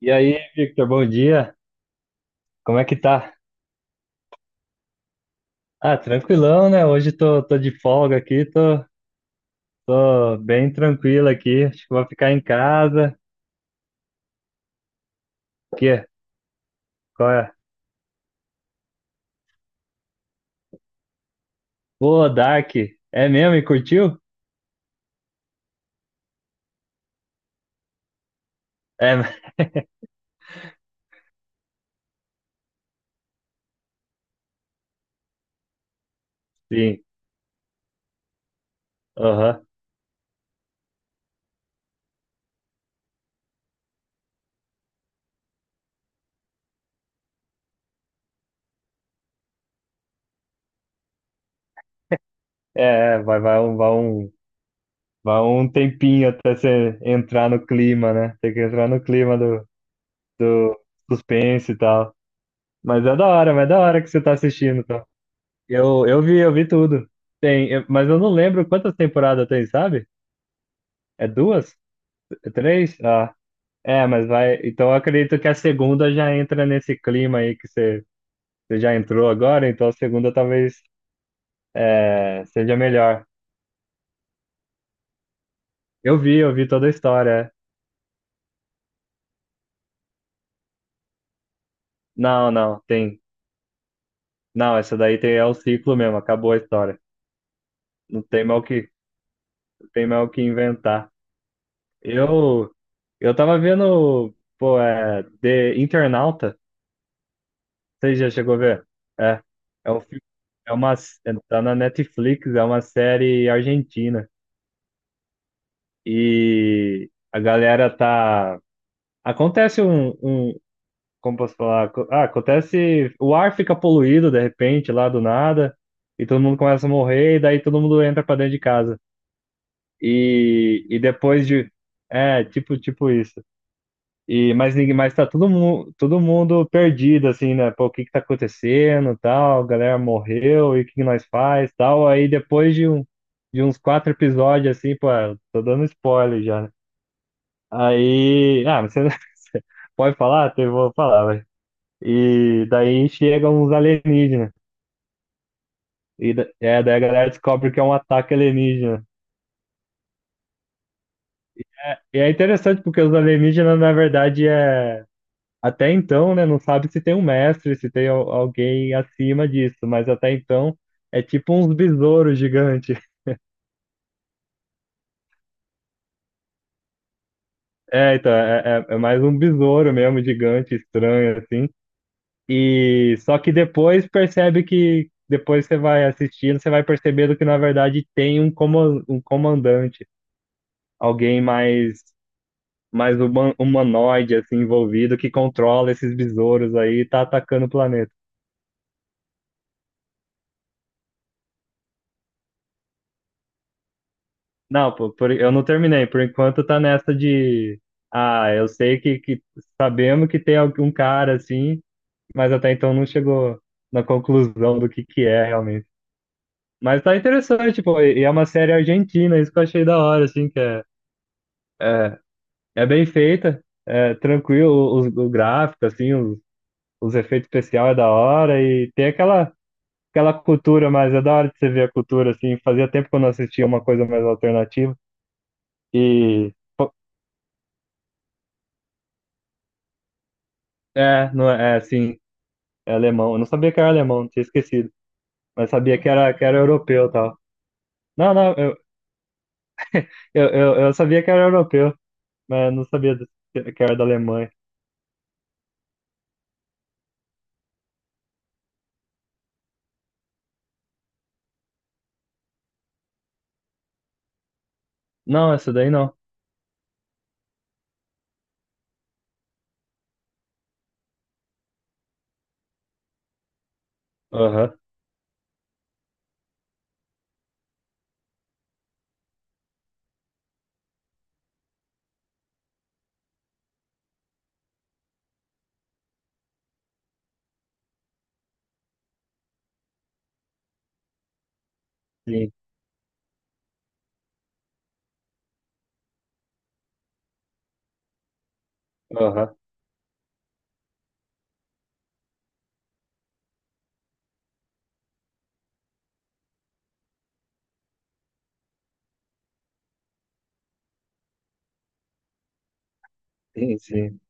E aí, Victor, bom dia. Como é que tá? Ah, tranquilão, né? Hoje tô de folga aqui, tô bem tranquilo aqui. Acho que vou ficar em casa. O quê? Qual é? Ô, Dark, é mesmo? E curtiu? É, sim. Aham. É, é, vai, vai, um, vai, um, vai um tempinho até você entrar no clima, né? Tem que entrar no clima do suspense e tal. Mas é da hora, mas é da hora que você tá assistindo, tá? Eu vi, eu vi tudo. Mas eu não lembro quantas temporadas tem, sabe? É duas? É três? Ah, é, mas vai. Então eu acredito que a segunda já entra nesse clima aí que você já entrou agora, então a segunda talvez, é, seja melhor. Eu vi toda a história. É. Não, não, tem. Não, essa daí tem, é o ciclo mesmo, acabou a história. Não tem mais o que, não tem mais o que inventar. Eu, eu tava vendo, pô, é, The Internauta. Você já chegou a ver? É, é um filme, é uma, tá na Netflix, é uma série argentina e acontece como posso falar? Acontece, o ar fica poluído de repente lá do nada e todo mundo começa a morrer e daí todo mundo entra pra dentro de casa e, e depois de, é, tipo isso. E, mas tá todo mundo perdido, assim, né? Pô, o que que tá acontecendo, tal, a galera morreu, e o que que nós faz, tal. Aí depois de, um, de uns quatro episódios, assim, pô, eu tô dando spoiler já, né? Aí, ah, mas você, você pode falar? Então eu vou falar, vai. E daí chegam uns alienígenas, e daí a galera descobre que é um ataque alienígena. E é interessante porque os alienígenas, na verdade, é. Até então, né, não sabe se tem um mestre, se tem alguém acima disso, mas até então é tipo uns besouros gigantes. É, então, é mais um besouro mesmo, gigante, estranho, assim. E só que depois percebe que, depois você vai assistindo, você vai percebendo que na verdade tem um, um comandante, alguém mais, humanoide, assim, envolvido, que controla esses besouros aí e tá atacando o planeta. Não, pô, eu não terminei. Por enquanto tá nessa de. Ah, eu sei que sabemos que tem algum cara assim, mas até então não chegou na conclusão do que é realmente. Mas tá interessante, pô, e é uma série argentina, isso que eu achei da hora, assim, que é, é bem feita, é tranquilo o gráfico, assim, os efeitos especiais é da hora e tem aquela cultura, mas é da hora de você ver a cultura, assim, fazia tempo que eu não assistia uma coisa mais alternativa e... É, não é, é, sim. É alemão. Eu não sabia que era alemão, tinha esquecido. Mas sabia que era europeu e tal. Não, não, eu sabia que era europeu, mas não sabia que era da Alemanha. Não, essa daí não. Aham, sim. Aham, sim.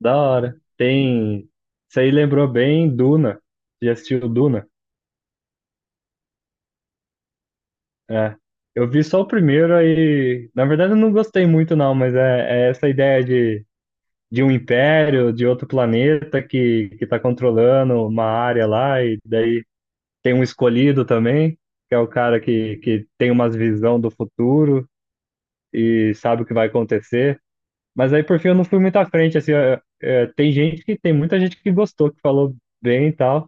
Da hora. Tem. Isso aí lembrou bem Duna. Já assistiu Duna? É. Eu vi só o primeiro aí. Na verdade, eu não gostei muito, não, mas é essa ideia de um império, de outro planeta que tá controlando uma área lá, e daí tem um escolhido também, que é o cara que tem umas visão do futuro e sabe o que vai acontecer. Mas aí, por fim, eu não fui muito à frente, assim, tem gente que, tem muita gente que gostou, que falou bem e tal,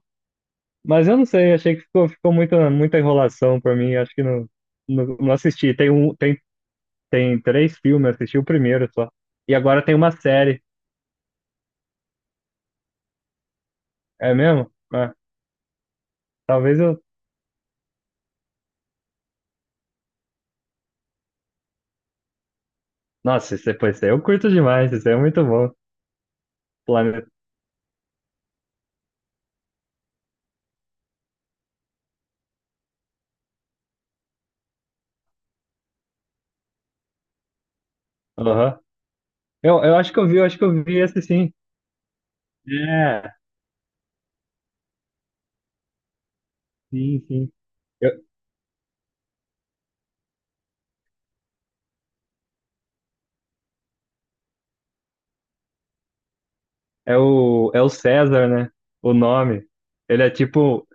mas eu não sei, achei que ficou, ficou muita enrolação pra mim, acho que não, não assisti. Tem três filmes, eu assisti o primeiro só. E agora tem uma série, é mesmo? É, talvez eu... Nossa, esse, pô, esse aí eu curto demais, esse aí é muito bom. Planeta. Aham. Eu acho que eu vi, eu acho que eu vi esse sim. É, sim, sim. Eu- é é o César, né? O nome. Ele é tipo.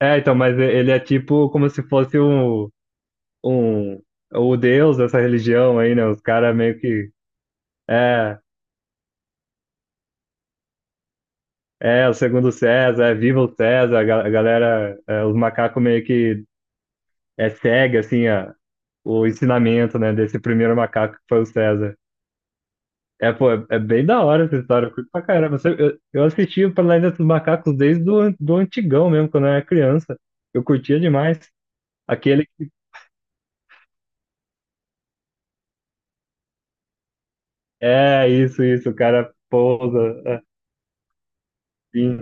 É, então, mas ele é tipo como se fosse um, o deus dessa religião aí, né? Os caras meio que. É, o segundo César, é viva o César, a galera, é, os macacos meio que é, segue, assim, o ensinamento, né? Desse primeiro macaco que foi o César. É, pô, é bem da hora essa história, eu curto pra caramba. Eu assisti o Planeta dos Macacos desde do antigão mesmo, quando eu era criança. Eu curtia demais. Aquele. É, isso, o cara pousa, assim.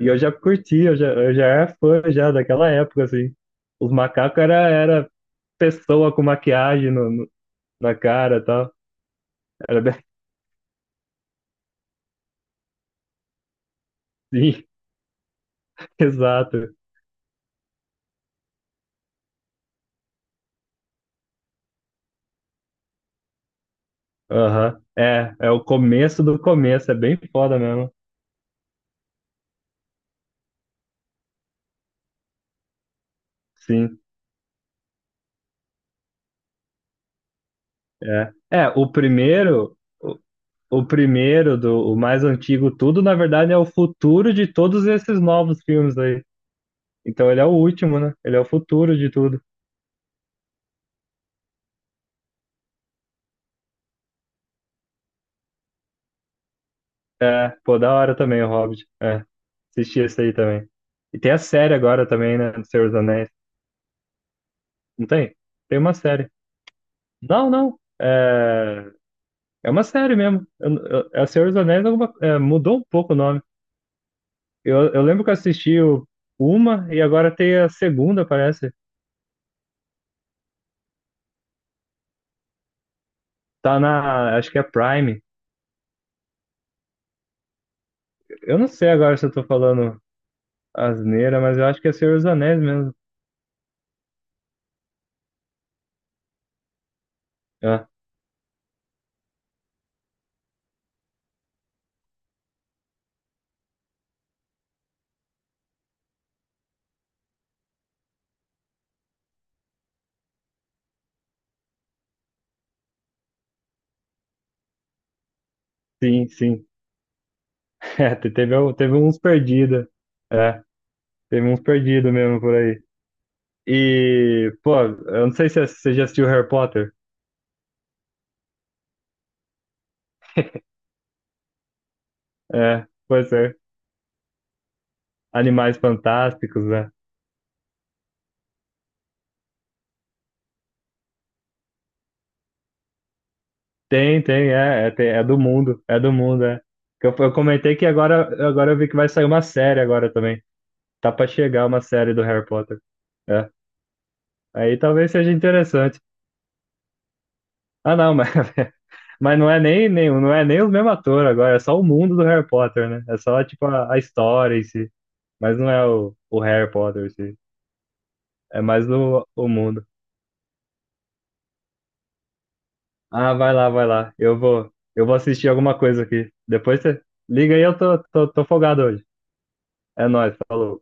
E eu já curti, eu já era fã já daquela época, assim. Era pessoa com maquiagem no na cara e tal. Era bem assim, exato. Aham. É, é o começo do começo, é bem foda mesmo. Sim, é. É, o primeiro. O mais antigo, tudo, na verdade, é o futuro de todos esses novos filmes aí. Então ele é o último, né? Ele é o futuro de tudo. É, pô, da hora também o Hobbit. É, assisti esse aí também. E tem a série agora também, né? Do Senhor dos Anéis. Não tem? Tem uma série. Não, não. É, é uma série mesmo. É o Senhor dos Anéis é, mudou um pouco o nome. Eu lembro que eu assisti uma e agora tem a segunda, parece. Tá na. Acho que é Prime. Eu não sei agora se eu tô falando asneira, mas eu acho que é Senhor dos Anéis mesmo. Ah, sim, sim. É, teve, teve uns perdidos. É, teve uns perdidos mesmo por aí. E, pô, eu não sei se é, você já assistiu Harry Potter. É, pois é. Animais Fantásticos, né? Tem, é do mundo, é do mundo, é. Que eu comentei que agora eu vi que vai sair uma série agora também. Tá pra chegar uma série do Harry Potter. É. Aí talvez seja interessante. Ah, não, mas mas não é nem, nem, não é nem o mesmo ator agora, é só o mundo do Harry Potter, né? É só, tipo, a história em si. Mas não é o Harry Potter em si. É mais o mundo. Ah, vai lá, vai lá. Eu vou assistir alguma coisa aqui. Depois você liga aí, tô folgado hoje. É nóis, falou.